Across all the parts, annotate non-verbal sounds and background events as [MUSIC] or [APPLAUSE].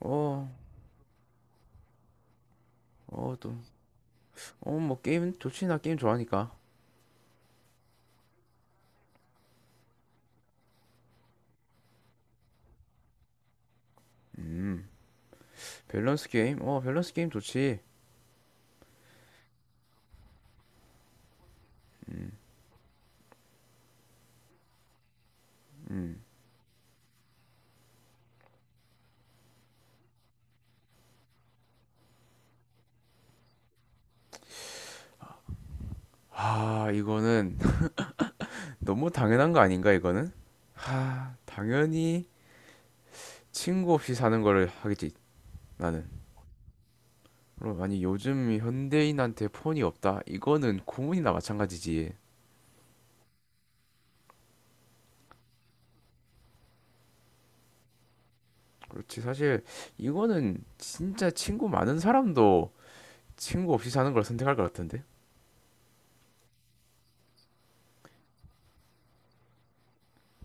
어, 어, 또, 게임 좋지, 나 게임 좋아하니까. 음, 밸런스 게임? 밸런스 게임 좋지. 음. 이거는 [LAUGHS] 너무 당연한 거 아닌가, 이거는? 당연히 친구 없이 사는 거를 하겠지, 나는. 그럼, 아니, 요즘 현대인한테 폰이 없다? 이거는 고문이나 마찬가지지. 그렇지, 사실, 이거는 진짜 친구 많은 사람도 친구 없이 사는 걸 선택할 것 같은데?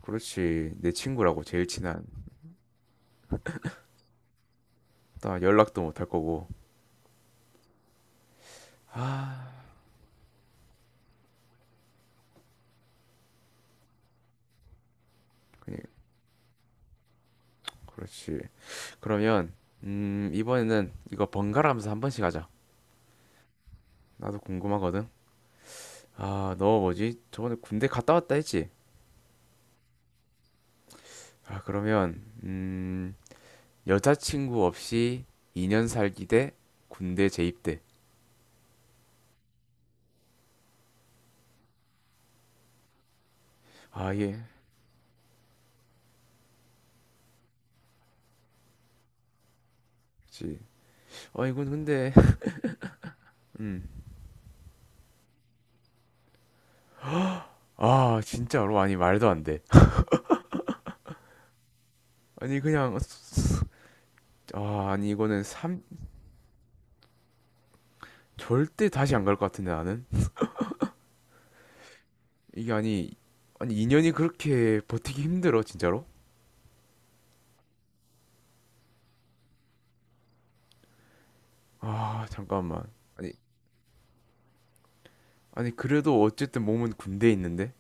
그렇지, 내 친구라고 제일 친한. 나 연락도 못 할 거고. 아, 그냥 그렇지. 그러면 이번에는 이거 번갈아 가면서 한 번씩 하자. 나도 궁금하거든. 너 뭐지? 저번에 군대 갔다 왔다 했지? 아, 그러면 음, 여자친구 없이 2년 살기 대 군대 재입 대. 아, 예. 그렇지. 아, 이건 근데. 음. 진짜로, 아니 말도 안 돼. 아니 그냥 아, 아니 이거는 삼 절대 다시 안 갈 것 같은데 나는. 이게 아니 아니 2년이 그렇게 버티기 힘들어, 진짜로? 아, 잠깐만. 아니, 아니, 그래도 어쨌든 몸은 군대에 있는데?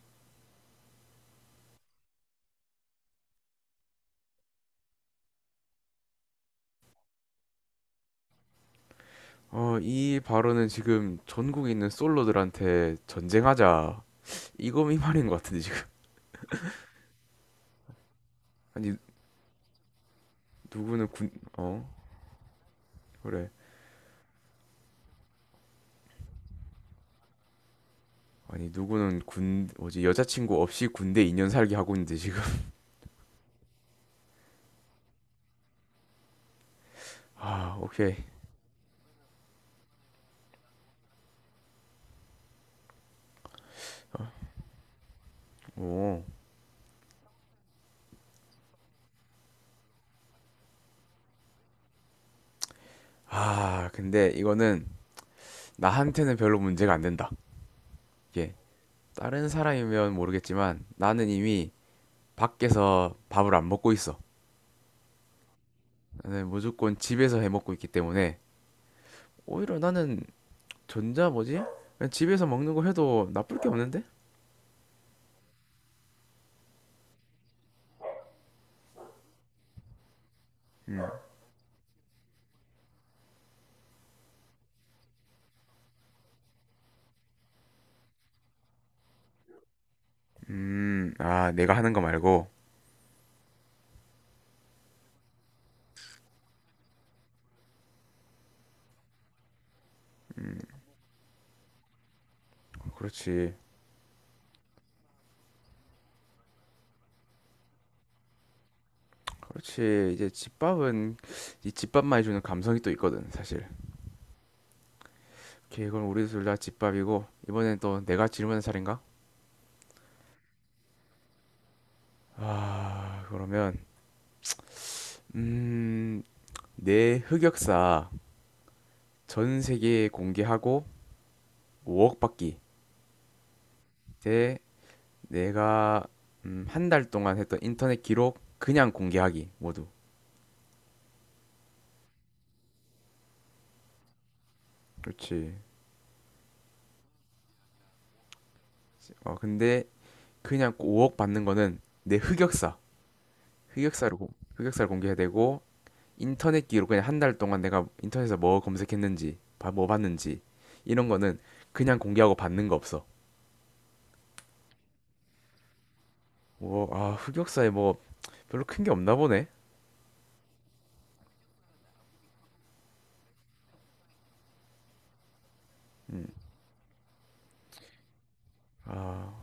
어, 이 발언은 지금 전국에 있는 솔로들한테 전쟁하자. 이거 이 말인 것 같은데, 지금. [LAUGHS] 아니, 누구는 군, 어? 그래. 아니, 여자친구 없이 군대 2년 살기 하고 있는데, 지금. [LAUGHS] 아, 오케이. 오. 아, 근데 이거는 나한테는 별로 문제가 안 된다. 이게 다른 사람이면 모르겠지만 나는 이미 밖에서 밥을 안 먹고 있어. 나는 무조건 집에서 해 먹고 있기 때문에 오히려 나는 전자 뭐지? 그냥 집에서 먹는 거 해도 나쁠 게 없는데? 음, 아, 내가 하는 거 말고. 그렇지. 그렇지. 이제 집밥은 이 집밥만 해 주는 감성이 또 있거든, 사실. 오케이, 그럼 우리 둘다 집밥이고 이번엔 또 내가 질문한 차례인가? 아, 그러면 음, 내 흑역사 전 세계에 공개하고 5억 받기 대 내가 1달 동안 했던 인터넷 기록 그냥 공개하기 모두. 그렇지. 어, 근데 그냥 5억 받는 거는 내 흑역사, 흑역사를 공- 흑역사를 공개해야 되고 인터넷 기록 그냥 1달 동안 내가 인터넷에서 뭐 검색했는지, 뭐 봤는지 이런 거는 그냥 공개하고 받는 거 없어. 흑역사에 뭐 별로 큰 게 없나 보네. 음, 아,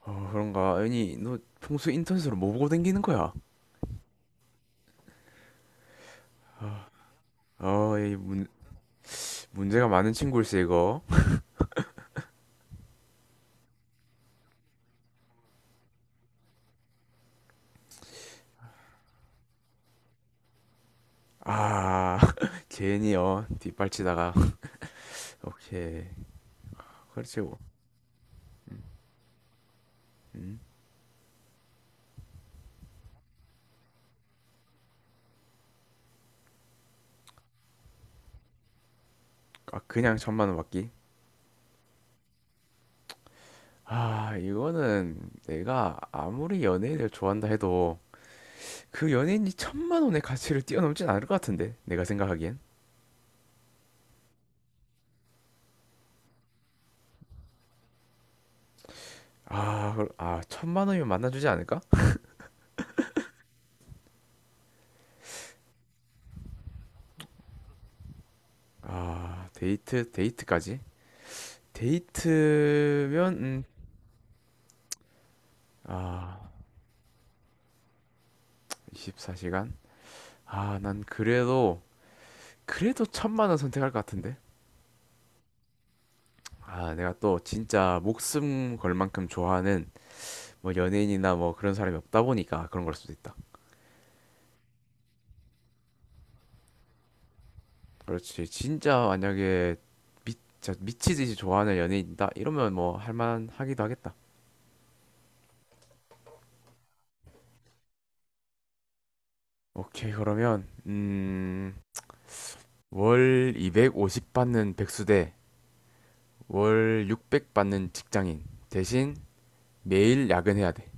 어, 그런가? 아니, 너 평소 인터넷으로 뭐 보고 댕기는 거야? 아, 어, 이 문, 문제가 많은 친구일세 이거. 아, [LAUGHS] 괜히요. 뒷발치다가. 오케이. 그렇지. 뭐. 음. 아, 그냥 1,000만 원 받기. 아, 이거는 내가 아무리 연예인을 좋아한다 해도 그 연예인이 천만 원의 가치를 뛰어넘진 않을 것 같은데. 내가 생각하기엔. 아, 1,000만 원이면 만나주지 않을까? 아, 데이트, 데이트까지? 데이트면, 아, 24시간? 아, 그래도 1,000만 원 선택할 것 같은데. 아, 내가 또 진짜 목숨 걸 만큼 좋아하는 뭐 연예인이나 뭐 그런 사람이 없다 보니까 그런 걸 수도 있다. 그렇지. 진짜 만약에 미, 진짜 미치듯이 좋아하는 연예인이다. 이러면 뭐 할만하기도 하겠다. 오케이, 그러면 월 250 받는 백수 대월 600 받는 직장인 대신 매일 야근해야 돼.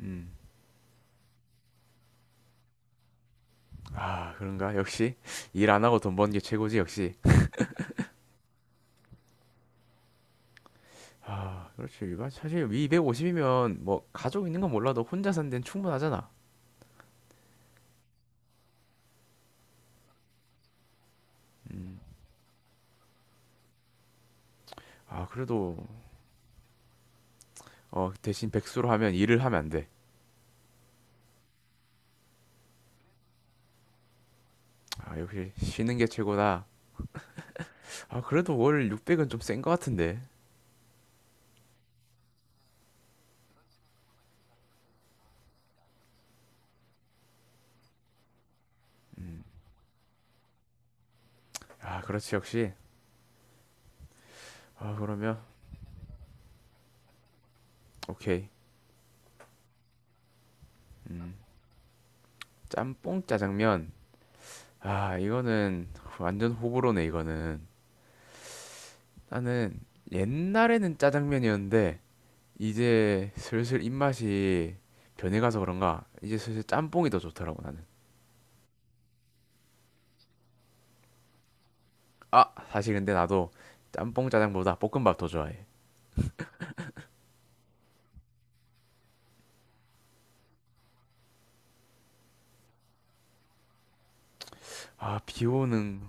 음. 아, 그런가? 역시 일 안 하고 돈 버는 게 최고지, 역시. 아, 그렇지. 일반 사실 250이면 뭐 가족 있는 건 몰라도 혼자 산 데는 충분하잖아. 음. 아, 그래도 어, 대신 백수로 하면 일을 하면 안 돼. 아, 역시 쉬는 게 최고다. 아, 그래도 월 600은 좀 센 거 같은데. 아, 그렇지. 역시. 아, 그러면 오케이. 음. 짬뽕 짜장면. 아, 이거는 완전 호불호네, 이거는. 나는 옛날에는 짜장면이었는데 이제 슬슬 입맛이 변해가서 그런가 이제 슬슬 짬뽕이 더 좋더라고, 나는. 아, 사실 근데 나도 짬뽕 짜장보다 볶음밥 더 좋아해. 아 비 오는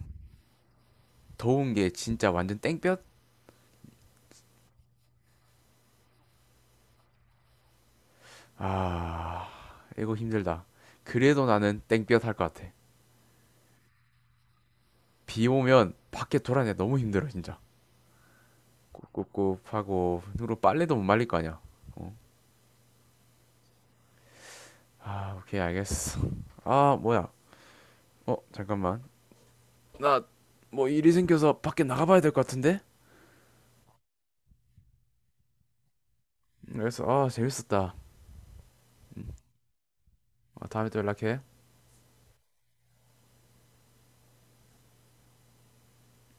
더운 게 진짜 완전 땡볕. 아, 이거 힘들다. 그래도 나는 땡볕 할 것 같아. 비 오면 밖에 돌아내 너무 힘들어 진짜. 꿉꿉하고 누로 빨래도 못 말릴 거 아니야. 어. 아, 오케이 알겠어. 아 뭐야 어 잠깐만. 나 뭐 일이 생겨서 밖에 나가봐야 될 것 같은데. 그래서. 아, 재밌었다. 어, 다음에 또 연락해.